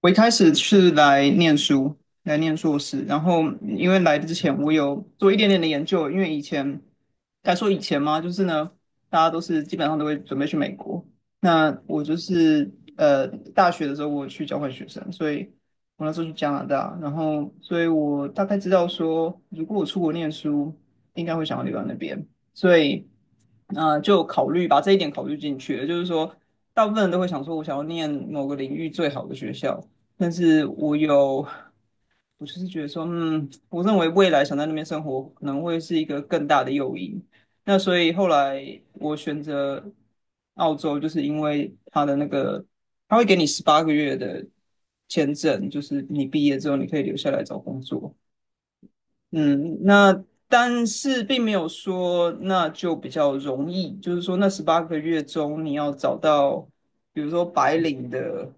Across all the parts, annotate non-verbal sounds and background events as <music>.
我一开始是来念书，来念硕士，然后因为来之前我有做一点点的研究，因为以前该说以前嘛，就是呢，大家基本上都会准备去美国，那我就是大学的时候我去交换学生，所以我那时候去加拿大，然后所以我大概知道说，如果我出国念书，应该会想要留在那边，所以就考虑把这一点考虑进去了，就是说。大部分人都会想说，我想要念某个领域最好的学校，但是我有，我就是觉得说，嗯，我认为未来想在那边生活可能会是一个更大的诱因。那所以后来我选择澳洲，就是因为它的那个，他会给你十八个月的签证，就是你毕业之后你可以留下来找工作。嗯，那但是并没有说那就比较容易，就是说那十八个月中你要找到，比如说白领的，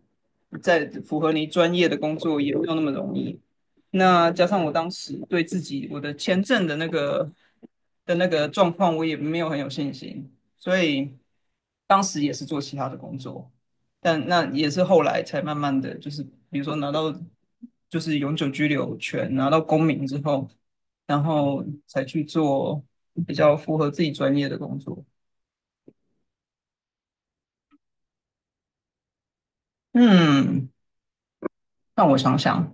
在符合你专业的工作也没有那么容易。那加上我当时对自己我的签证的那个状况，我也没有很有信心，所以当时也是做其他的工作，但那也是后来才慢慢的就是，比如说拿到就是永久居留权，拿到公民之后。然后才去做比较符合自己专业的工作。嗯，让我想想，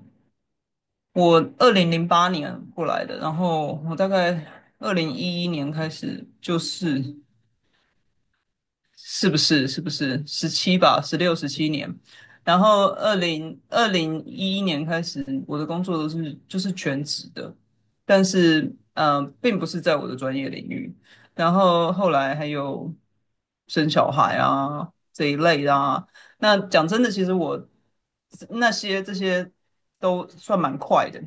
我2008年过来的，然后我大概二零一一年开始是不是？十七吧？16、17年，然后二零一一年开始，我的工作都是就是全职的，但是并不是在我的专业领域。然后后来还有生小孩啊这一类的啊。那讲真的，其实我这些都算蛮快的，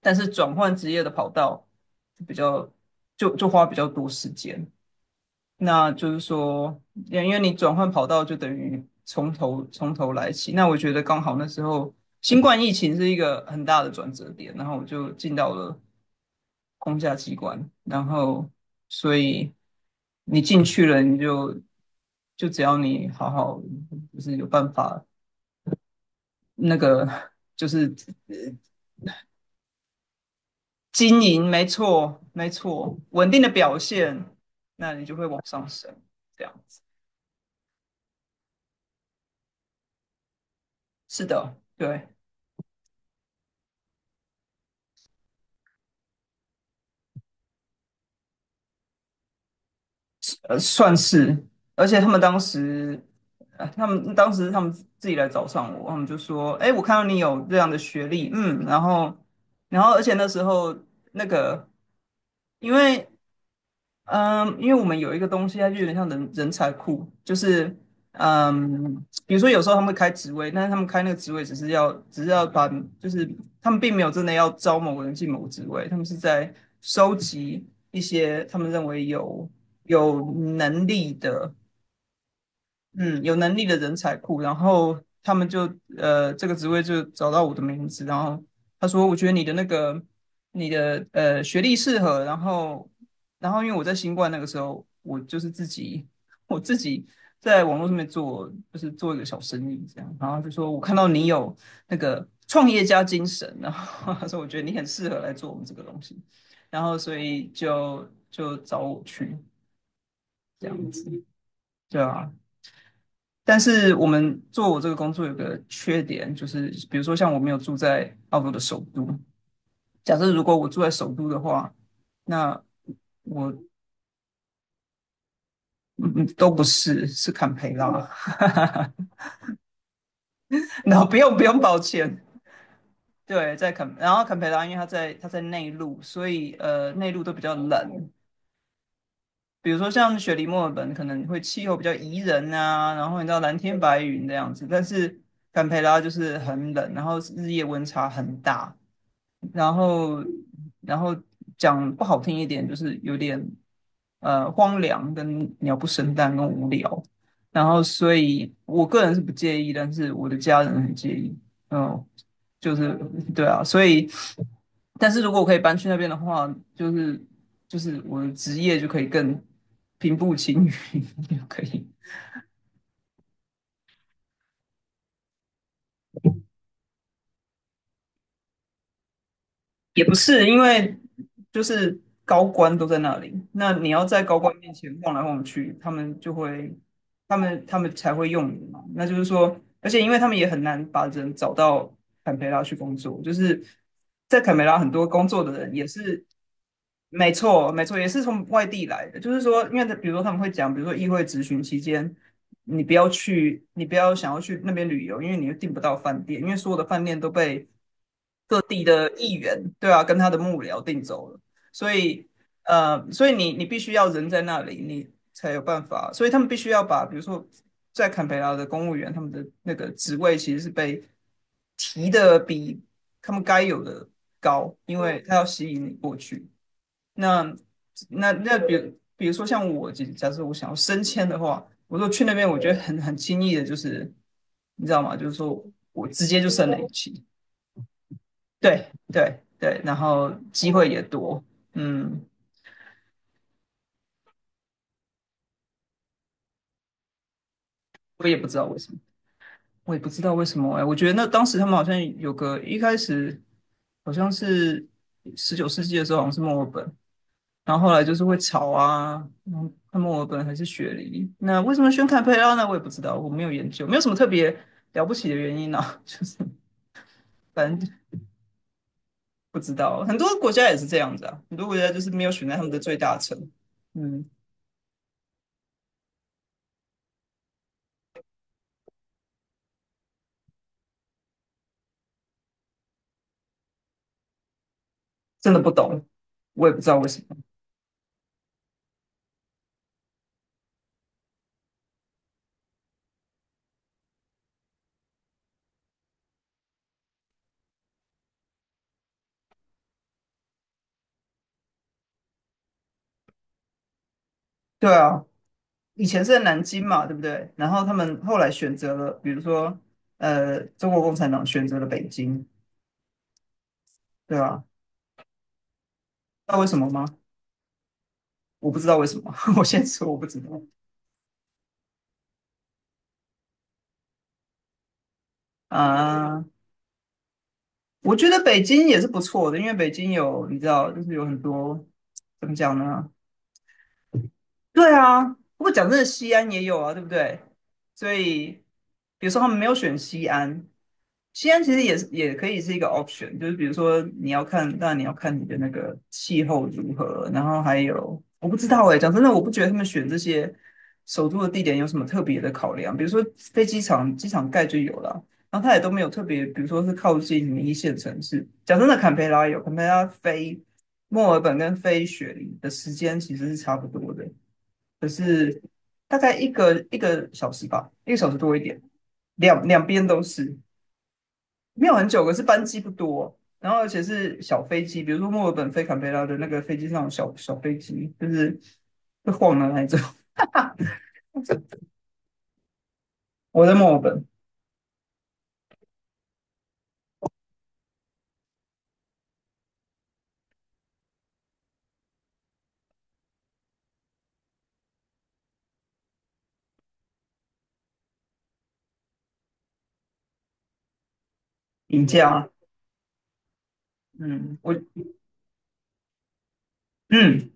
但是转换职业的跑道就比较就花比较多时间。那就是说，因为你转换跑道就等于从头来起。那我觉得刚好那时候新冠疫情是一个很大的转折点，然后我就进到了公家机关，然后所以你进去了，你就只要你好好就是有办法那个就是呃经营，没错没错，稳定的表现，那你就会往上升，这样子。是的，对。呃，算是，而且他们当时，呃，他们当时他们自己来找上我，他们就说："哎，我看到你有这样的学历，嗯，然后，然后，而且那时候那个，因为，嗯，因为我们有一个东西，它就有点像人才库，就是，嗯，比如说有时候他们会开职位，但是他们开那个职位只是要把，就是他们并没有真的要招某个人进某个职位，他们是在收集一些他们认为有能力的。"嗯，有能力的人才库，然后他们就这个职位就找到我的名字，然后他说我觉得你的那个你的学历适合，然后然后因为我在新冠那个时候，我就是自己 <laughs> 我自己在网络上面做，就是做一个小生意这样，然后就说我看到你有那个创业家精神，然后他说我觉得你很适合来做我们这个东西，然后所以就找我去这样子，对啊，但是我们做我这个工作有个缺点，就是比如说像我没有住在澳洲的首都，假设如果我住在首都的话，那我嗯都不是，是坎培拉，<laughs> 然后不用抱歉，对，在坎，然后坎培拉因为它在内陆，所以内陆都比较冷，比如说像雪梨墨尔本可能会气候比较宜人啊，然后你知道蓝天白云这样子，但是坎培拉就是很冷，然后日夜温差很大。然后然后讲不好听一点，就是有点荒凉跟鸟不生蛋跟无聊。然后所以我个人是不介意，但是我的家人很介意。嗯，就是对啊，所以但是如果我可以搬去那边的话，就是就是我的职业就可以更平步青云，<laughs> 就可以。也不是，因为就是高官都在那里，那你要在高官面前晃来晃去，他们就会，他们才会用你嘛。那就是说，而且因为他们也很难把人找到坎培拉去工作，就是在坎培拉很多工作的人也是，没错没错，也是从外地来的。就是说，因为他比如说他们会讲，比如说议会质询期间。你不要去，你不要想要去那边旅游，因为你又订不到饭店，因为所有的饭店都被各地的议员，对啊，跟他的幕僚定走了，所以，所以你你必须要人在那里，你才有办法，所以他们必须要把，比如说在坎培拉的公务员，他们的那个职位其实是被提的比他们该有的高，因为他要吸引你过去。那那比如说像我，假设我想要升迁的话，我说去那边，我觉得很轻易的，就是你知道吗？就是说我直接就升了一级。对对对，然后机会也多，嗯，我也不知道为什么，我也不知道为什么哎，我觉得那当时他们好像有个一开始好像是19世纪的时候，好像是墨尔本，然后后来就是会吵啊，嗯，看墨尔本还是雪梨，那为什么选堪培拉呢？我也不知道，我没有研究，没有什么特别了不起的原因啊，<laughs> 就是反正不知道，很多国家也是这样子啊，很多国家就是没有选在他们的最大城，嗯，真的不懂，我也不知道为什么，对啊。以前是在南京嘛，对不对？然后他们后来选择了，比如说，呃，中国共产党选择了北京，对吧？知道为什么吗？我不知道为什么，<laughs> 我先说我不知道啊。我觉得北京也是不错的，因为北京有你知道，就是有很多怎么讲呢？对啊，不过讲真的，西安也有啊，对不对？所以，比如说他们没有选西安，西安其实也可以是一个 option,就是比如说你要看，当然你要看你的那个气候如何，然后还有我不知道哎、讲真的，我不觉得他们选这些首都的地点有什么特别的考量，比如说飞机场，机场盖就有了，然后它也都没有特别，比如说是靠近一线城市。讲真的，坎培拉有，坎培拉飞墨尔本跟飞雪梨的时间其实是差不多的。可是大概一个小时吧，一个小时多一点，两边都是，没有很久，可是班机不多，然后而且是小飞机，比如说墨尔本飞坎培拉的那个飞机上有小飞机，就是会晃的那一种。<laughs> 我在墨尔本廉家？嗯，我嗯，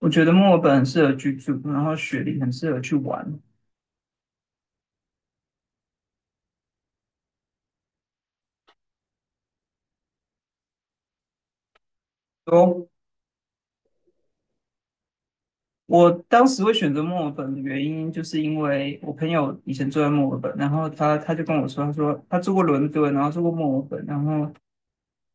我觉得墨尔本很适合居住，然后雪梨很适合去玩。哦，我当时会选择墨尔本的原因，就是因为我朋友以前住在墨尔本，然后他就跟我说，他说他住过伦敦，然后住过墨尔本，然后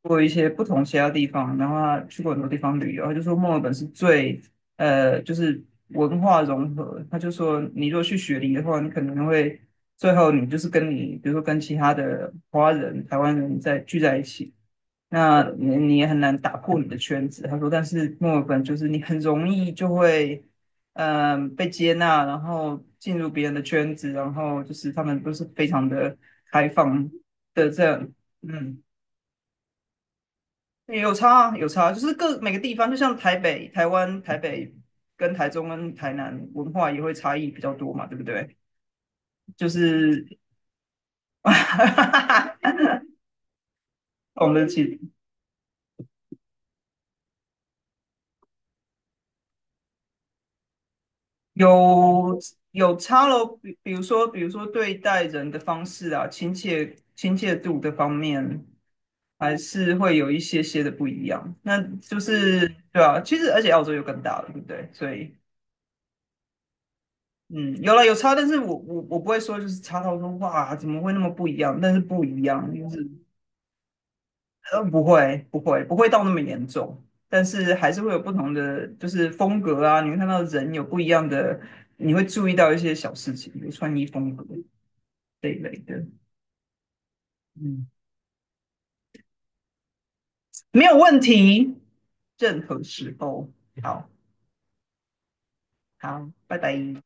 住过一些不同其他地方，然后他去过很多地方旅游，他就说墨尔本是最就是文化融合，他就说你如果去雪梨的话，你可能会最后你就是跟你比如说跟其他的华人、台湾人在聚在一起。那你也很难打破你的圈子。他说，但是墨尔本就是你很容易就会，被接纳，然后进入别人的圈子，然后就是他们都是非常的开放的这样，嗯，也有差啊，有差，就是各每个地方，就像台北、台湾、台北跟台中跟台南文化也会差异比较多嘛，对不对？就是 <laughs> 我们的起。有有差咯，比如说，比如说对待人的方式啊，亲切度的方面，还是会有一些些的不一样。那就是对啊，其实而且澳洲又更大了，对不对？所以嗯，有差，但是我不会说就是差到说哇怎么会那么不一样，但是不一样就是不会不会不会到那么严重。但是还是会有不同的，就是风格啊，你会看到人有不一样的，你会注意到一些小事情，比如穿衣风格。这一类的，嗯，没有问题，任何时候，好好，拜拜。